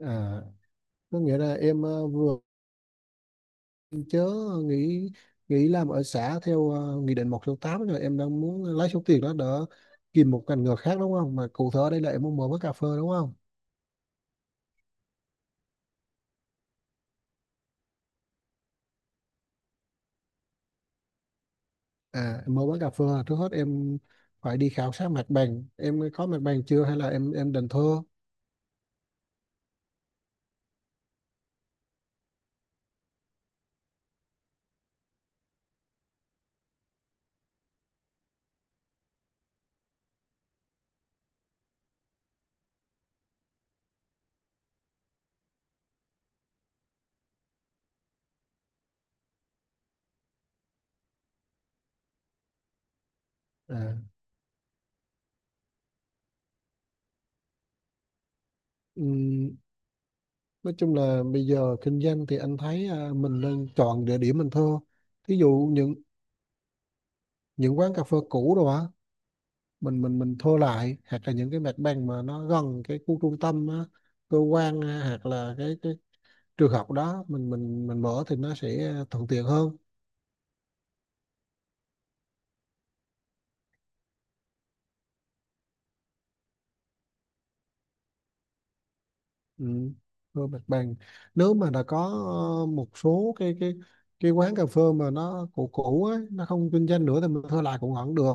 À, có nghĩa là em vừa chớ nghỉ nghỉ làm ở xã theo nghị định 168 rồi em đang muốn lấy số tiền đó để tìm một ngành nghề khác, đúng không? Mà cụ thể ở đây là em muốn mở quán cà phê, đúng không? Em mở quán cà phê là trước hết em phải đi khảo sát mặt bằng. Em có mặt bằng chưa hay là em định thuê? À, ừm, nói chung là bây giờ kinh doanh thì anh thấy mình nên chọn địa điểm mình thuê. Thí dụ những quán cà phê cũ rồi á, mình thua lại hoặc là những cái mặt bằng mà nó gần cái khu trung tâm á, cơ quan á, hoặc là cái trường học đó mình mở thì nó sẽ thuận tiện hơn. Ừ. Thua mặt bằng, nếu mà đã có một số cái quán cà phê mà nó cũ cũ á, nó không kinh doanh nữa thì mình thuê lại cũng vẫn được,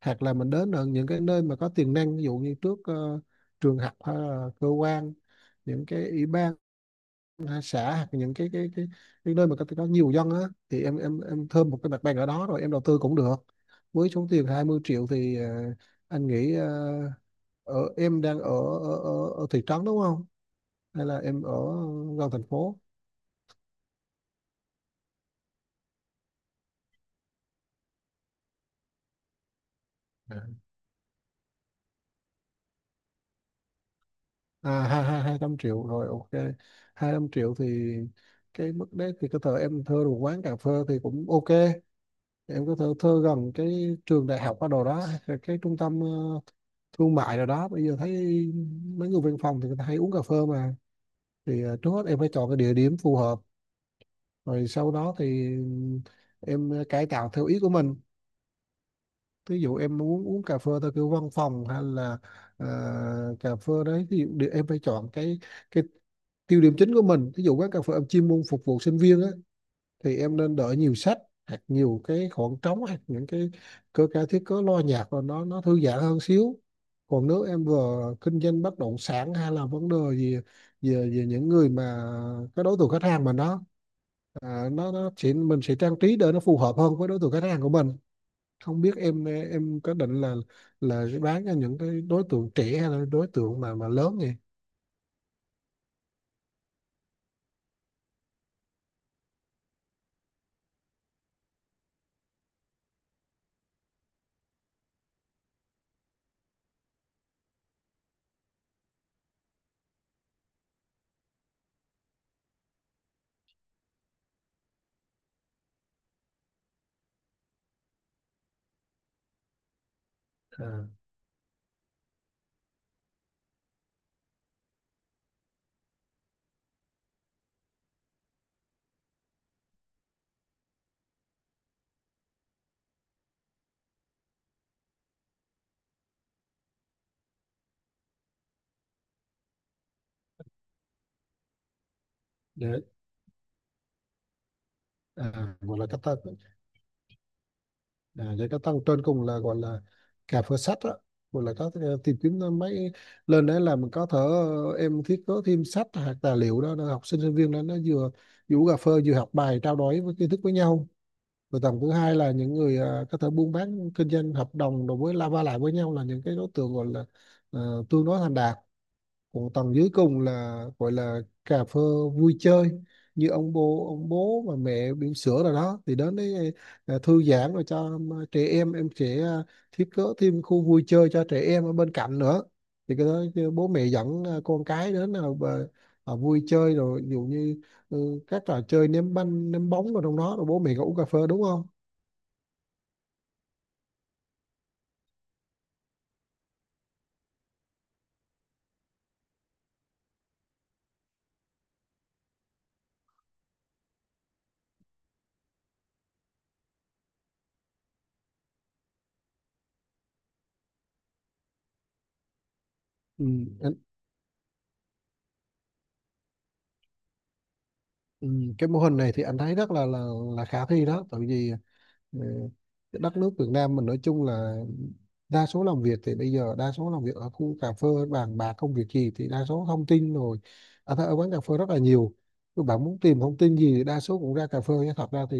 hoặc là mình đến ở những cái nơi mà có tiềm năng, ví dụ như trước trường học hay là cơ quan, những cái ủy ban xã, hoặc những cái nơi mà có nhiều dân á, thì em thơm một cái mặt bằng ở đó rồi em đầu tư cũng được. Với số tiền 20 triệu thì anh nghĩ, em đang ở ở thị trấn đúng không, hay là em ở gần thành phố? Hai hai hai trăm triệu rồi, ok. 200 triệu thì cái mức đấy thì có thể em thuê một quán cà phê thì cũng ok. Em có thể thuê gần cái trường đại học ở đồ đó, cái trung tâm thương mại rồi đó, bây giờ thấy mấy người văn phòng thì người ta hay uống cà phê mà. Thì trước hết em phải chọn cái địa điểm phù hợp, rồi sau đó thì em cải tạo theo ý của mình. Ví dụ em muốn uống cà phê theo kiểu văn phòng hay là ờ, cà phê đấy, ví dụ em phải chọn cái tiêu điểm chính của mình. Ví dụ quán cà phê em chuyên môn phục vụ sinh viên á, thì em nên đợi nhiều sách hoặc nhiều cái khoảng trống, hoặc những cái cơ ca thiết cớ lo nhạc rồi nó thư giãn hơn xíu. Còn nếu em vừa kinh doanh bất động sản hay là vấn đề gì về về những người mà, cái đối tượng khách hàng mà nó nó chỉ, mình sẽ trang trí để nó phù hợp hơn với đối tượng khách hàng của mình. Không biết em có định là bán cho những cái đối tượng trẻ hay là đối tượng mà lớn nhỉ. à, để Gọi là cách ta. Vậy các thằng trên cùng là gọi là cà phê sách đó, gọi là có thể tìm kiếm mấy, lên đấy là mình có thể em thiết kế thêm sách hoặc tài liệu đó để học sinh sinh viên đó nó vừa vừa uống cà phê vừa học bài trao đổi với kiến thức với nhau. Rồi tầng thứ hai là những người có thể buôn bán kinh doanh hợp đồng đối với la va lại với nhau, là những cái đối tượng gọi là tương đối thành đạt. Còn tầng dưới cùng là gọi là cà phê vui chơi, như ông bố và mẹ bỉm sữa rồi đó thì đến đấy thư giãn, rồi cho trẻ em sẽ thiết kế thêm khu vui chơi cho trẻ em ở bên cạnh nữa. Thì cái đó cái bố mẹ dẫn con cái đến là vui chơi rồi, ví dụ như các trò chơi ném banh ném bóng rồi trong đó, rồi bố mẹ có uống cà phê, đúng không? Ừ. anh- ừ, cái mô hình này thì anh thấy rất là khả thi đó, tại vì Ờ, cái đất nước Việt Nam mình nói chung là đa số làm việc, thì bây giờ đa số làm việc ở khu cà phê bàn bạc công việc gì thì đa số thông tin rồi, ở quán cà phê rất là nhiều. Các bạn muốn tìm thông tin gì thì đa số cũng ra cà phê, chứ thật ra thì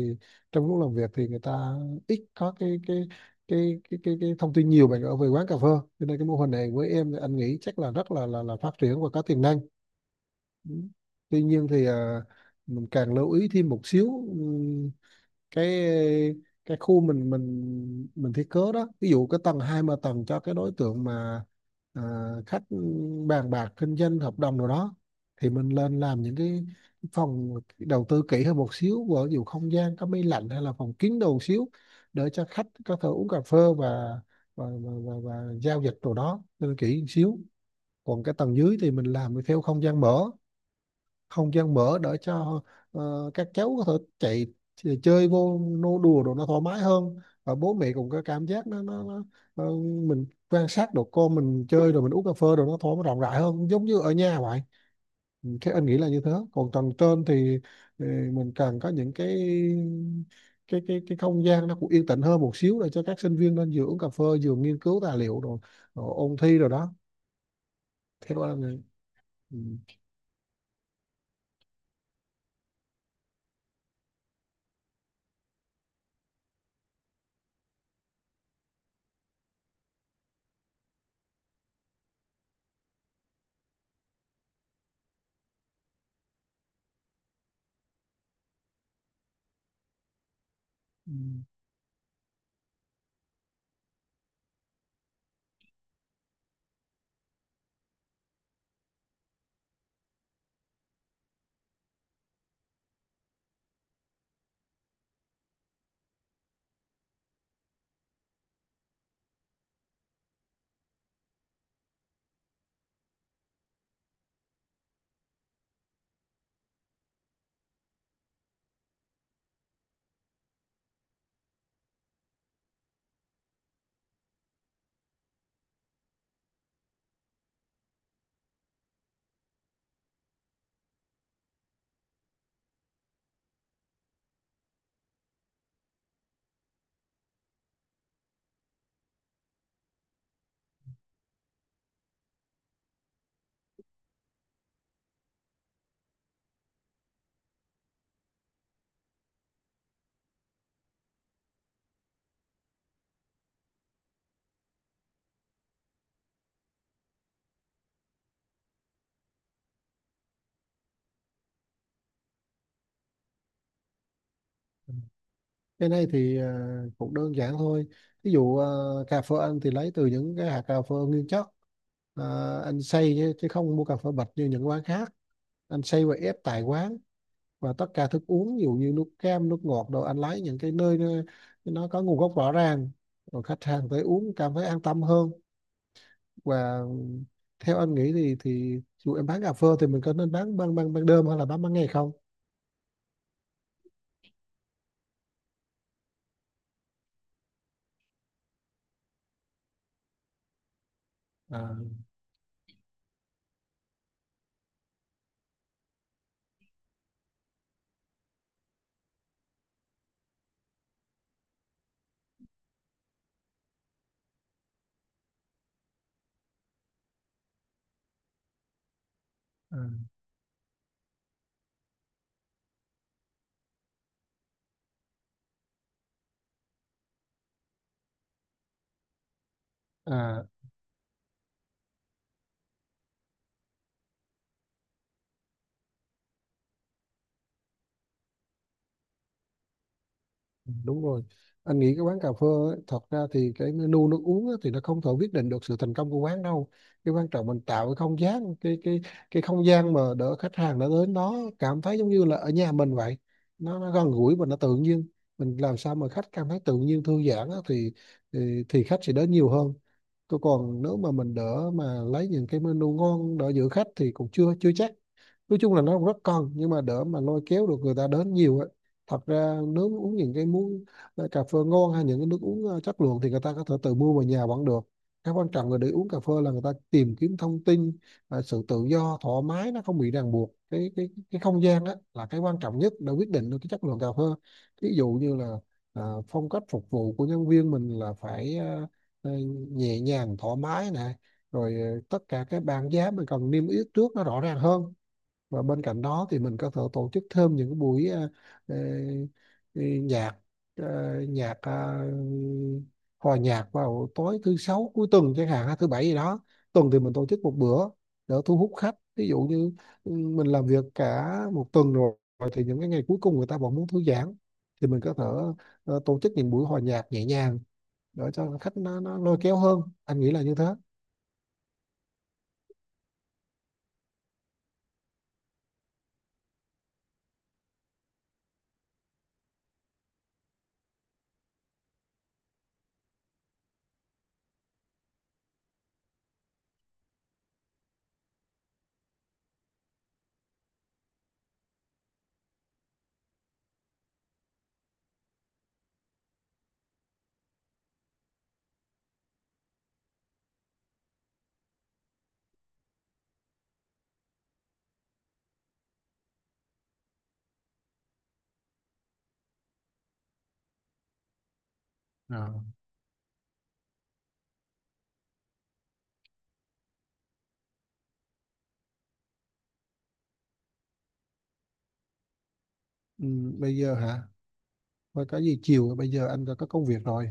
trong lúc làm việc thì người ta ít có cái thông tin nhiều bằng ở về quán cà phê. Cho nên cái mô hình này với em thì anh nghĩ chắc là rất là phát triển và có tiềm năng. Ừ. Tuy nhiên thì mình càng lưu ý thêm một xíu. Ừ, cái cái khu mình thiết kế đó, ví dụ cái tầng hai mà tầng cho cái đối tượng mà à, khách bàn bạc kinh doanh hợp đồng rồi đó, thì mình lên làm những cái phòng đầu tư kỹ hơn một xíu, ví dụ không gian có máy lạnh hay là phòng kín đầu xíu để cho khách có thể uống cà phê và giao dịch đồ đó, nên kỹ một xíu. Còn cái tầng dưới thì mình làm theo không gian mở, không gian mở để cho các cháu có thể chạy chơi vô nô đùa đồ nó thoải mái hơn, và bố mẹ cũng có cảm giác nó ờ, mình quan sát đồ con mình chơi rồi mình uống cà phê rồi nó thoải mái rộng rãi hơn, giống như ở nhà vậy. Ừ, thế anh nghĩ là như thế. Còn tầng trên thì ờ, mình cần có những cái không gian nó cũng yên tĩnh hơn một xíu để cho các sinh viên nên vừa uống cà phê vừa nghiên cứu tài liệu, rồi rồi ôn thi rồi đó, theo anh. Ừ. Ừ. Cái này thì cũng đơn giản thôi, ví dụ cà phê anh thì lấy từ những cái hạt cà phê nguyên chất. Anh xay chứ, không mua cà phê bạch như những quán khác, anh xay và ép tại quán. Và tất cả thức uống ví dụ như nước cam nước ngọt đồ, anh lấy những cái nơi nó có nguồn gốc rõ ràng, rồi khách hàng tới uống cảm thấy an tâm hơn. Và theo anh nghĩ thì dù em bán cà phê thì mình có nên bán ban ban ban đêm hay là bán ban ngày không? à, à, à. Đúng rồi, anh nghĩ cái quán cà phê ấy, thật ra thì cái menu nước uống ấy, thì nó không thể quyết định được sự thành công của quán đâu. Cái quan trọng mình tạo cái không gian, cái không gian mà để khách hàng đã đến nó cảm thấy giống như là ở nhà mình vậy, nó gần gũi và nó tự nhiên. Mình làm sao mà khách cảm thấy tự nhiên thư giãn á, thì khách sẽ đến nhiều hơn. Tôi còn nếu mà mình đỡ mà lấy những cái menu ngon đỡ giữ khách thì cũng chưa chưa chắc. Nói chung là nó cũng rất cần nhưng mà đỡ mà lôi kéo được người ta đến nhiều. Thật ra nếu mà uống những cái muốn cà phê ngon hay những cái nước uống chất lượng thì người ta có thể tự mua về nhà vẫn được. Cái quan trọng là để uống cà phê là người ta tìm kiếm thông tin, sự tự do thoải mái nó không bị ràng buộc, cái không gian đó là cái quan trọng nhất để quyết định được cái chất lượng cà phê. Ví dụ như là phong cách phục vụ của nhân viên mình là phải ờ, nhẹ nhàng thoải mái nè, rồi tất cả cái bảng giá mình cần niêm yết trước nó rõ ràng hơn. Và bên cạnh đó thì mình có thể tổ chức thêm những cái buổi ờ, ờ, nhạc ờ, nhạc à, hòa nhạc vào tối thứ sáu cuối tuần chẳng hạn hay thứ bảy gì đó. Tuần thì mình tổ chức một bữa để thu hút khách, ví dụ như mình làm việc cả một tuần rồi, rồi thì những cái ngày cuối cùng người ta vẫn muốn thư giãn, thì mình có thể tổ chức những buổi hòa nhạc nhẹ nhàng để cho khách nó lôi kéo hơn, anh nghĩ là như thế. Ờ. ừ, Bây giờ hả? Thôi có gì chiều, bây giờ anh có công việc rồi.